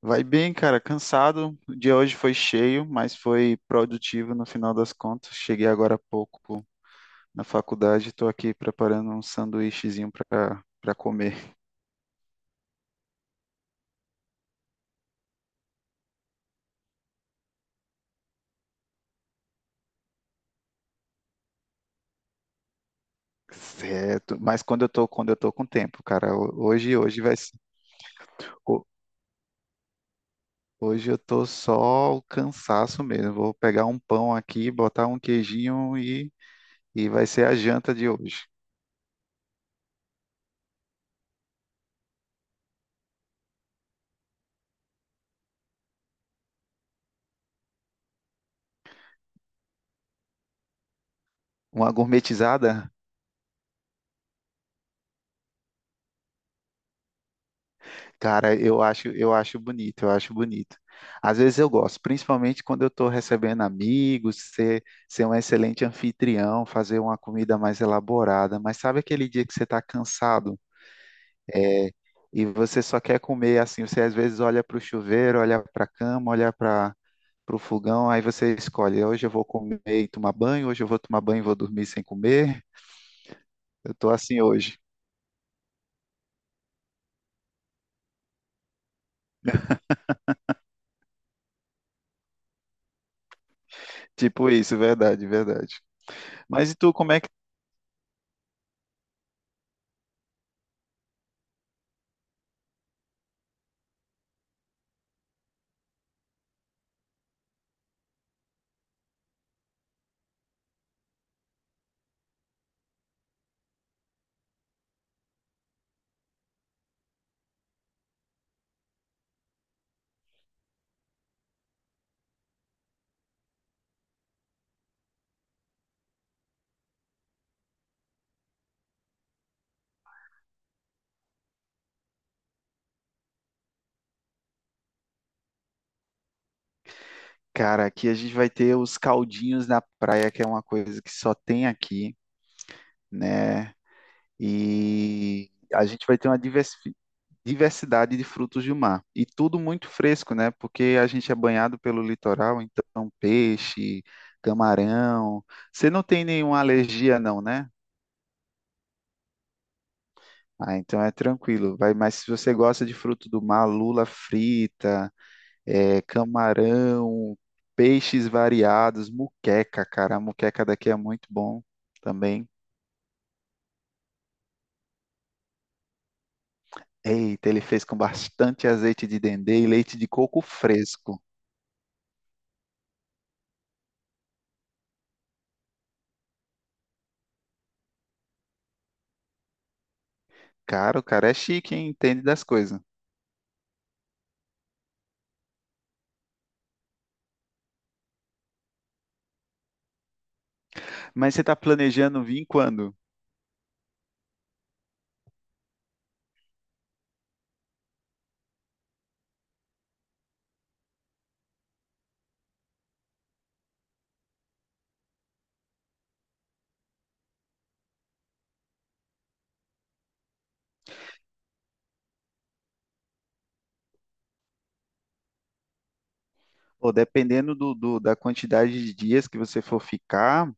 Vai bem, cara, cansado. O dia hoje foi cheio, mas foi produtivo no final das contas. Cheguei agora há pouco na faculdade, estou aqui preparando um sanduíchezinho para comer. Certo. Mas quando eu tô com tempo, cara, ho- hoje hoje vai ser- ho- hoje eu tô só o cansaço mesmo. Vou pegar um pão aqui, botar um queijinho e vai ser a janta de hoje. Uma gourmetizada? Cara, eu acho bonito, eu acho bonito. Às vezes eu gosto, principalmente quando eu estou recebendo amigos, ser um excelente anfitrião, fazer uma comida mais elaborada. Mas sabe aquele dia que você está cansado e você só quer comer assim? Você às vezes olha para o chuveiro, olha para a cama, olha para o fogão, aí você escolhe: hoje eu vou comer e tomar banho, hoje eu vou tomar banho e vou dormir sem comer. Eu estou assim hoje. Tipo isso, verdade, verdade. Mas e tu, como é. Cara, aqui a gente vai ter os caldinhos na praia, que é uma coisa que só tem aqui, né? E a gente vai ter uma diversidade de frutos do mar. E tudo muito fresco, né? Porque a gente é banhado pelo litoral, então peixe, camarão. Você não tem nenhuma alergia, não, né? Ah, então é tranquilo. Vai, mas se você gosta de fruto do mar, lula frita, é, camarão, peixes variados, muqueca, cara. A muqueca daqui é muito bom também. Eita, ele fez com bastante azeite de dendê e leite de coco fresco. Cara, o cara é chique, hein? Entende das coisas. Mas você tá planejando vir quando? Pô, dependendo da quantidade de dias que você for ficar,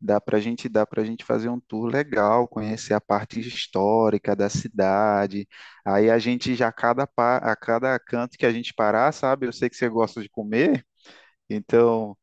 dá para gente fazer um tour legal, conhecer a parte histórica da cidade. Aí a gente já a cada canto que a gente parar, sabe? Eu sei que você gosta de comer, então.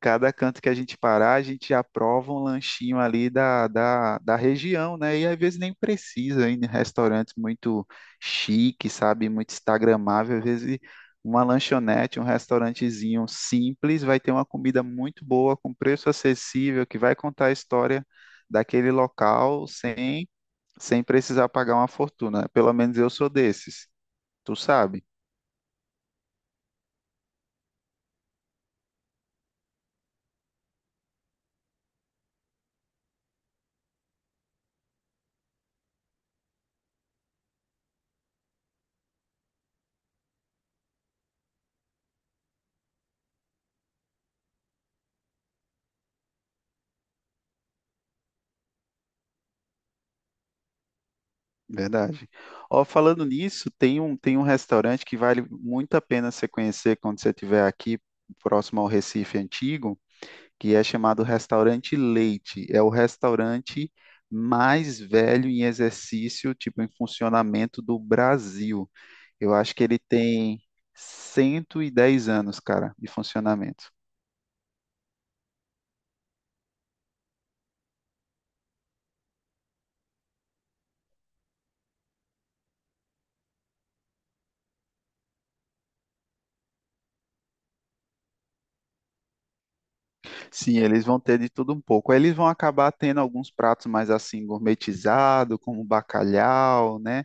Cada canto que a gente parar, a gente aprova um lanchinho ali da região, né? E às vezes nem precisa ir em restaurantes muito chique, sabe? Muito instagramável. Às vezes uma lanchonete, um restaurantezinho simples vai ter uma comida muito boa, com preço acessível, que vai contar a história daquele local sem, sem precisar pagar uma fortuna. Pelo menos eu sou desses, tu sabe? Verdade. Ó, falando nisso, tem um restaurante que vale muito a pena você conhecer quando você estiver aqui, próximo ao Recife Antigo, que é chamado Restaurante Leite. É o restaurante mais velho em exercício, tipo, em funcionamento do Brasil. Eu acho que ele tem 110 anos, cara, de funcionamento. Sim, eles vão ter de tudo um pouco. Aí eles vão acabar tendo alguns pratos mais assim gourmetizados, como bacalhau, né?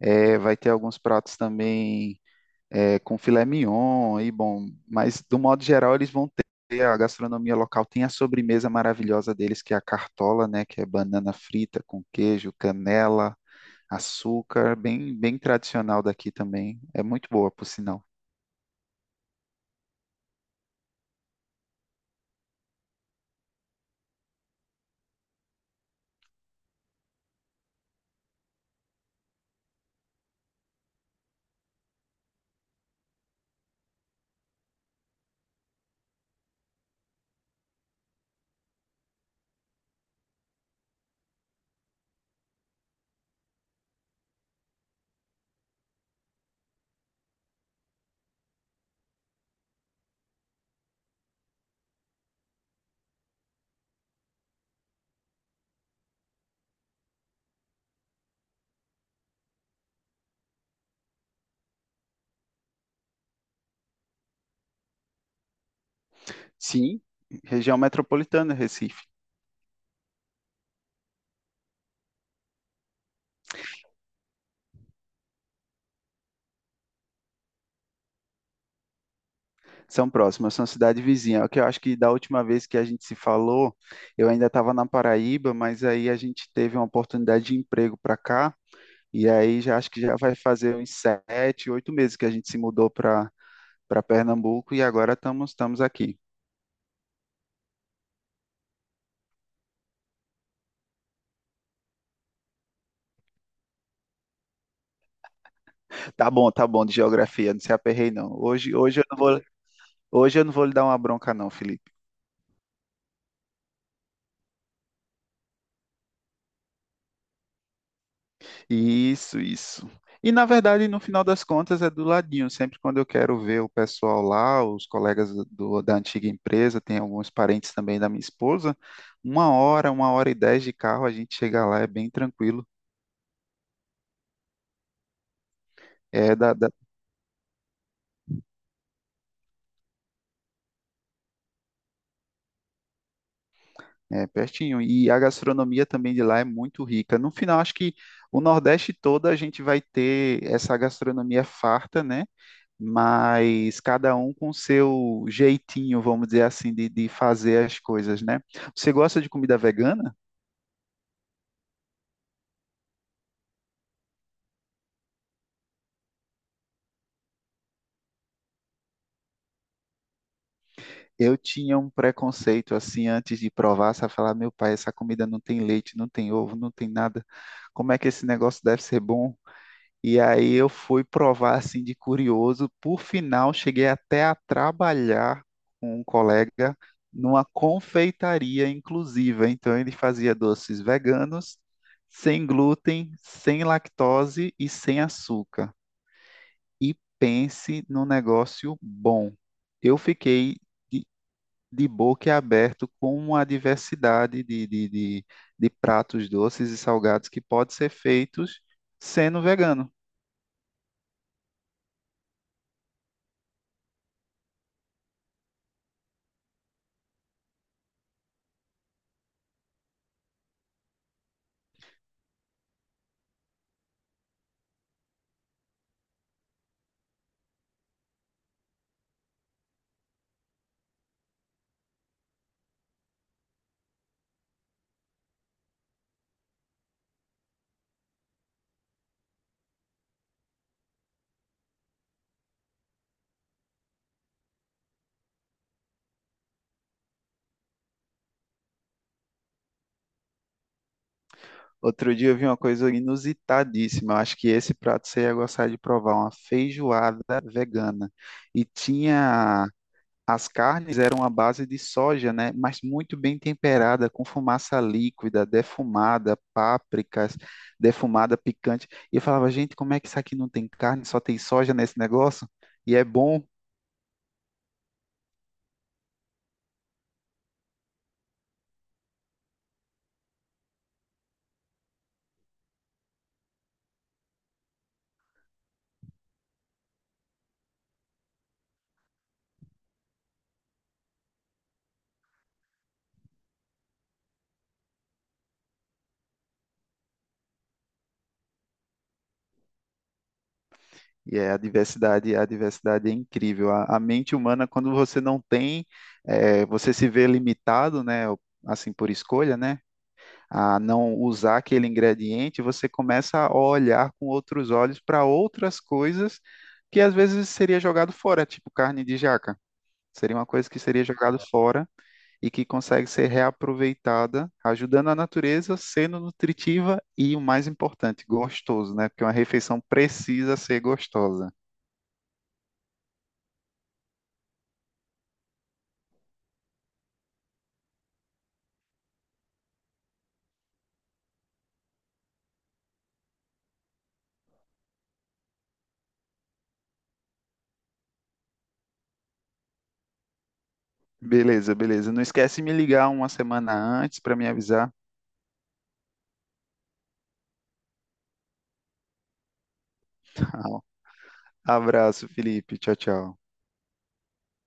É, vai ter alguns pratos também é, com filé mignon e bom, mas do modo geral eles vão ter a gastronomia local, tem a sobremesa maravilhosa deles que é a cartola, né, que é banana frita com queijo, canela, açúcar, bem bem tradicional daqui também. É muito boa, por sinal. Sim, região metropolitana, Recife. São próximas, são cidade vizinha. É o que eu acho que da última vez que a gente se falou, eu ainda estava na Paraíba, mas aí a gente teve uma oportunidade de emprego para cá. E aí já acho que já vai fazer uns 7, 8 meses que a gente se mudou para para Pernambuco e agora estamos aqui. Tá bom de geografia, não se aperrei não. Hoje eu não vou lhe dar uma bronca não, Felipe. Isso, isso. E na verdade, no final das contas, é do ladinho. Sempre quando eu quero ver o pessoal lá, os colegas da antiga empresa, tem alguns parentes também da minha esposa, 1h10 de carro, a gente chega lá, é bem tranquilo. É da, É, pertinho. E a gastronomia também de lá é muito rica. No final, acho que o Nordeste todo a gente vai ter essa gastronomia farta, né? Mas cada um com seu jeitinho, vamos dizer assim, de fazer as coisas, né? Você gosta de comida vegana? Eu tinha um preconceito assim antes de provar, sabe? Falar, meu pai, essa comida não tem leite, não tem ovo, não tem nada. Como é que esse negócio deve ser bom? E aí eu fui provar assim de curioso. Por final, cheguei até a trabalhar com um colega numa confeitaria inclusiva. Então ele fazia doces veganos, sem glúten, sem lactose e sem açúcar. E pense num negócio bom. Eu fiquei de, de boca aberto com a diversidade de, de pratos doces e salgados que pode ser feitos sendo vegano. Outro dia eu vi uma coisa inusitadíssima. Eu acho que esse prato você ia gostar de provar, uma feijoada vegana. E tinha as carnes eram à base de soja, né? Mas muito bem temperada, com fumaça líquida, defumada, pápricas, defumada picante. E eu falava, gente, como é que isso aqui não tem carne, só tem soja nesse negócio? E é bom. E é a diversidade é incrível. A mente humana, quando você não tem, você se vê limitado, né? Assim por escolha, né? A não usar aquele ingrediente, você começa a olhar com outros olhos para outras coisas que às vezes seria jogado fora, tipo carne de jaca. Seria uma coisa que seria jogado fora e que consegue ser reaproveitada, ajudando a natureza, sendo nutritiva e o mais importante, gostoso, né? Porque uma refeição precisa ser gostosa. Beleza, beleza. Não esquece de me ligar uma semana antes para me avisar. Abraço, Felipe. Tchau, tchau.